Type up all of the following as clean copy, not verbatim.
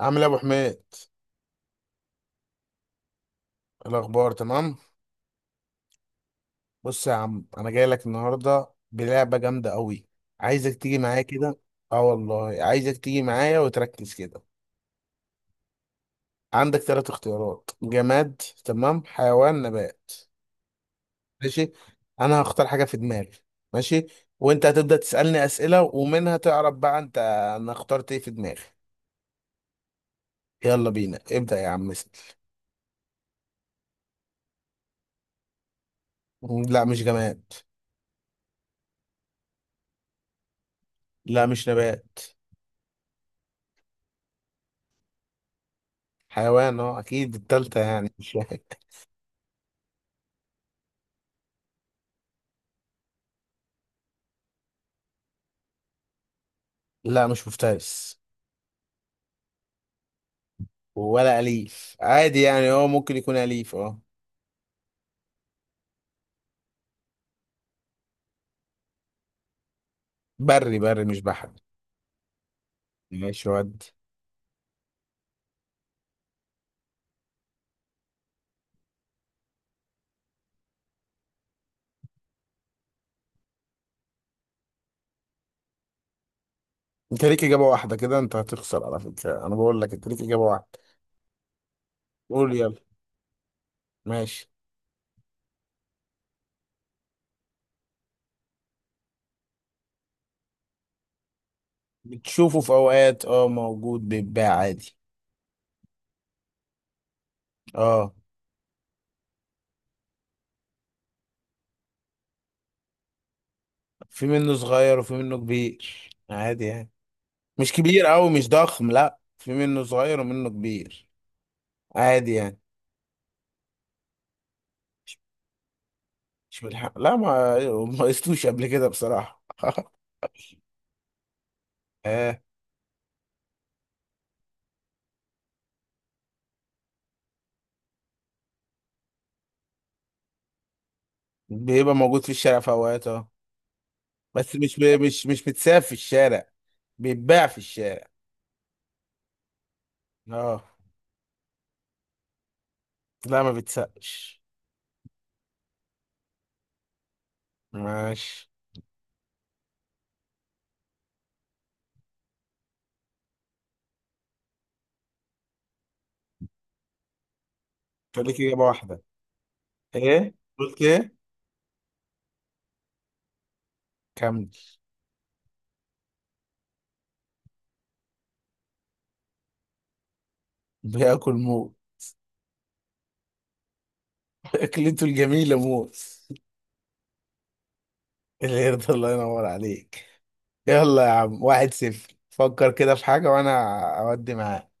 عامل ايه يا ابو حميد؟ إيه الاخبار؟ تمام. بص يا عم، انا جاي لك النهارده بلعبه جامده قوي. عايزك تيجي معايا كده. اه والله عايزك تيجي معايا وتركز كده. عندك ثلاث اختيارات: جماد، تمام، حيوان، نبات. ماشي. انا هختار حاجه في دماغي. ماشي. وانت هتبدا تسالني اسئله ومنها تعرف بقى انت انا اخترت ايه في دماغي. يلا بينا، ابدا يا عم، اسال. لا، مش جماد. لا، مش نبات. حيوان، اه اكيد التالتة يعني مش. لا، مش مفترس. ولا أليف عادي، يعني هو ممكن يكون أليف، اه. بري، بري، مش بحري. ماشي ودي. انت ليك إجابة واحدة كده، انت هتخسر على فكرة، انا بقول لك انت ليك إجابة واحدة. قول يلا. ماشي. بتشوفه في أوقات، اه موجود بيتباع عادي. اه. في منه صغير وفي منه كبير. عادي يعني. مش كبير أوي، مش ضخم، لا في منه صغير ومنه كبير. عادي يعني. مش بالحق، لا ما قستوش قبل كده بصراحة بيبقى موجود في الشارع في اوقات، اه بس مش بي... مش مش متساب في الشارع. بيتباع في الشارع. اه. لا، ما بيتسابش. ماشي. انت ليك اجابه واحده. ايه قلت؟ ايه؟ كمل. بياكل موز اكلته الجميله موز. القرد. الله ينور عليك. يلا يا عم، واحد صفر. فكر كده في حاجه وانا اودي معاك.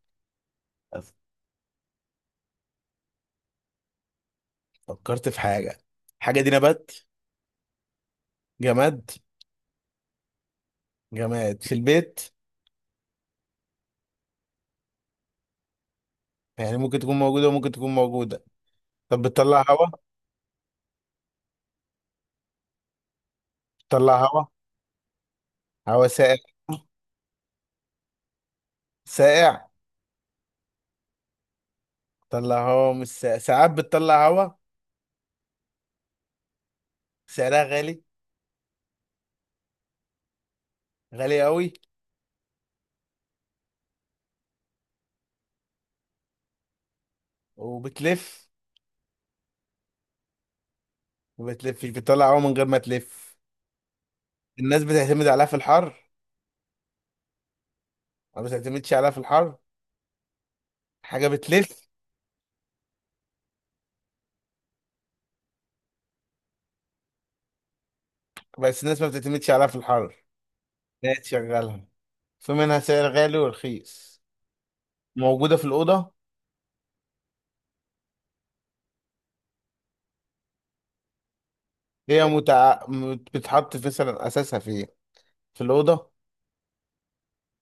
فكرت في حاجه. الحاجه دي نبات؟ جماد. جماد في البيت. يعني ممكن تكون موجوده وممكن تكون موجوده. طب بتطلع هوا؟ بتطلع هوا. هوا ساقع. ساقع. بتطلع هوا مش ساقع، ساعات بتطلع هوا. سعرها غالي. غالي قوي. وبتلف. ما بتلفش، بتطلع هوا من غير ما تلف. الناس بتعتمد عليها في الحر. ما بتعتمدش عليها في الحر. حاجة بتلف. بس الناس ما بتعتمدش عليها في الحر. لا تشغلها. في منها سعر غالي ورخيص. موجودة في الأوضة. بتحط في مثلا أساسها فين؟ في الأوضة.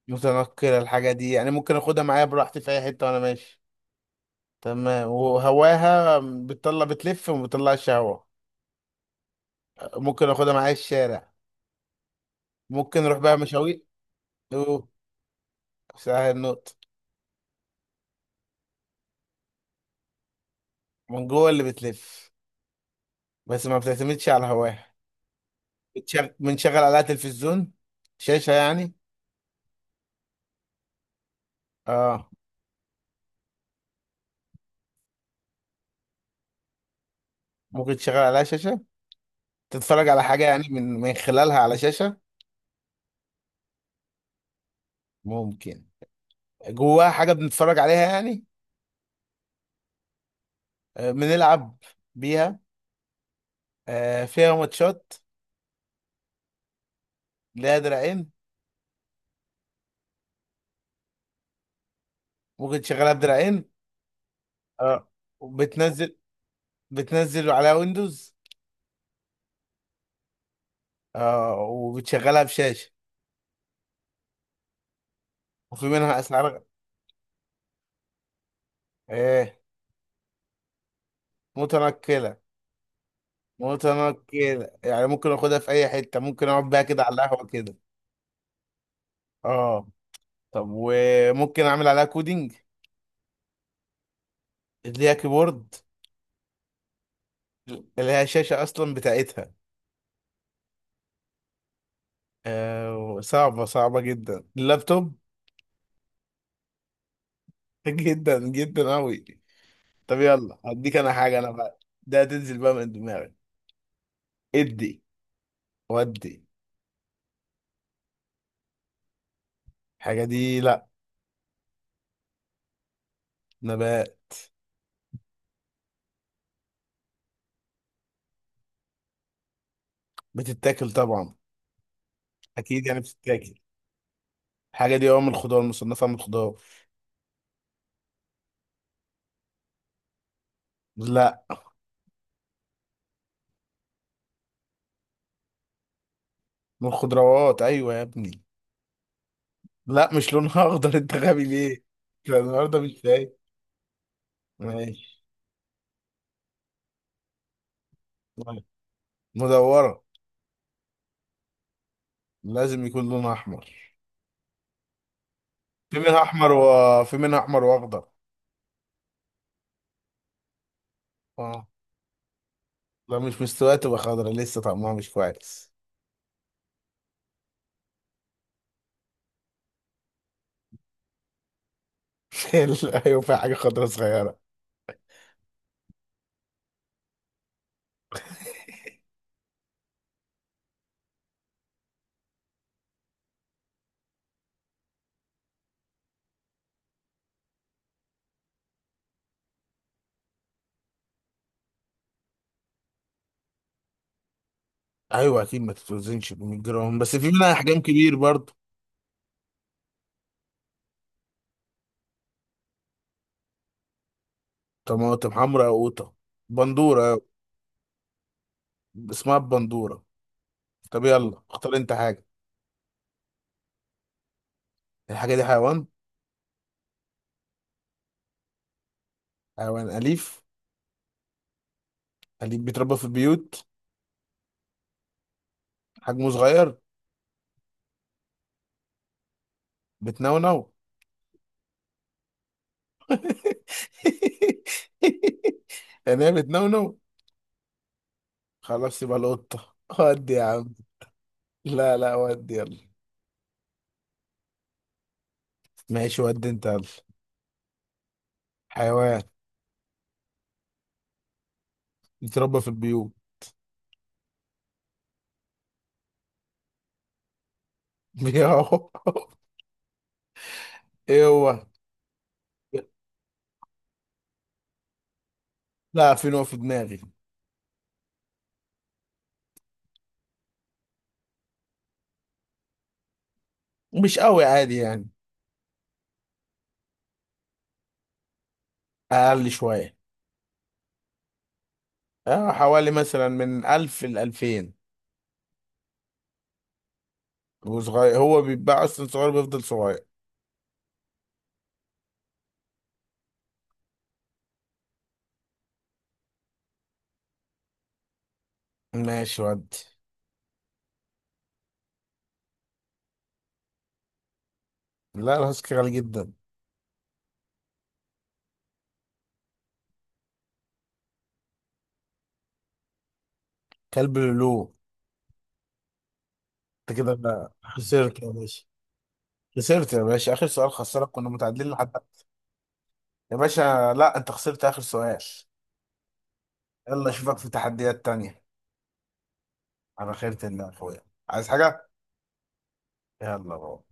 متنقلة الحاجة دي، يعني ممكن أخدها معايا براحتي في أي حتة وأنا ماشي. تمام. وهواها بتطلع، بتلف وما بتطلعش هوا. ممكن اخدها معايا الشارع. ممكن اروح بقى مشاوير. اوه. سهل النقط. من جوه اللي بتلف. بس ما بتعتمدش على هواها. بنشغل عليها تلفزيون. شاشة يعني. اه. ممكن تشغل عليها شاشة. تتفرج على حاجة يعني من خلالها على شاشة. ممكن. جواها حاجة بنتفرج عليها يعني. آه، بنلعب بيها. آه، فيها ماتشات. ليها دراعين. ممكن تشغلها بدراعين. اه. وبتنزل. بتنزل على ويندوز. آه وبتشغلها بشاشة. وفي منها أسعار. إيه؟ متنقلة. متنقلة يعني ممكن آخدها في أي حتة، ممكن أقعد بيها كده على القهوة كده. آه. طب وممكن أعمل عليها كودينج؟ اللي هي كيبورد. اللي هي شاشة أصلا بتاعتها. آه، صعبة، صعبة جدا، اللابتوب جدا جدا أوي. طب يلا هديك أنا حاجة أنا بقى ده تنزل بقى من دماغي. ادي. ودي. الحاجة دي لأ. نبات. بتتاكل طبعا. اكيد يعني بتتاكل. الحاجه دي اه من الخضار، مصنفه من الخضار. لا، من الخضروات ايوه يا ابني. لا مش لونها اخضر انت غبي ليه؟ إحنا النهارده مش فايق. ماشي. طيب. مدوره. لازم يكون لونها احمر. في منها احمر وفي منها احمر واخضر. اه، لو مش مستويه تبقى خضرا لسه طعمها مش كويس. ايوه، في حاجه خضرا صغيره. ايوه اكيد ما تتوزنش ب 100 جرام، بس في منها احجام كبير برضه. طماطم حمراء، قوطه، بندوره. اسمها البندورة. طب يلا اختار انت حاجة. الحاجة دي حيوان. حيوان أليف. أليف بيتربى في البيوت. حجمه صغير. بتنونو يعني هي بتنونو. خلاص يبقى القطة، ودي يا عم. لا لا، ودي يلا. ماشي ودي انت يلا. حيوان. بيتربى في البيوت. بيهو. ايه هو؟ لا، في نوع في دماغي. مش قوي، عادي يعني. أقل شوية. اه حوالي مثلا من ألف لألفين. وصغير، هو بيتباع اصلا صغير، بيفضل صغير. ماشي ودي. لا الهاسكي غالي جدا. كلب لولو. انت كده بقى خسرت يا باشا. خسرت يا باشا اخر سؤال، خسرك، كنا متعادلين لحد. يا باشا لا، انت خسرت اخر سؤال. يلا اشوفك في تحديات تانية. على خيرة الله يا اخويا. عايز حاجة؟ يلا بابا.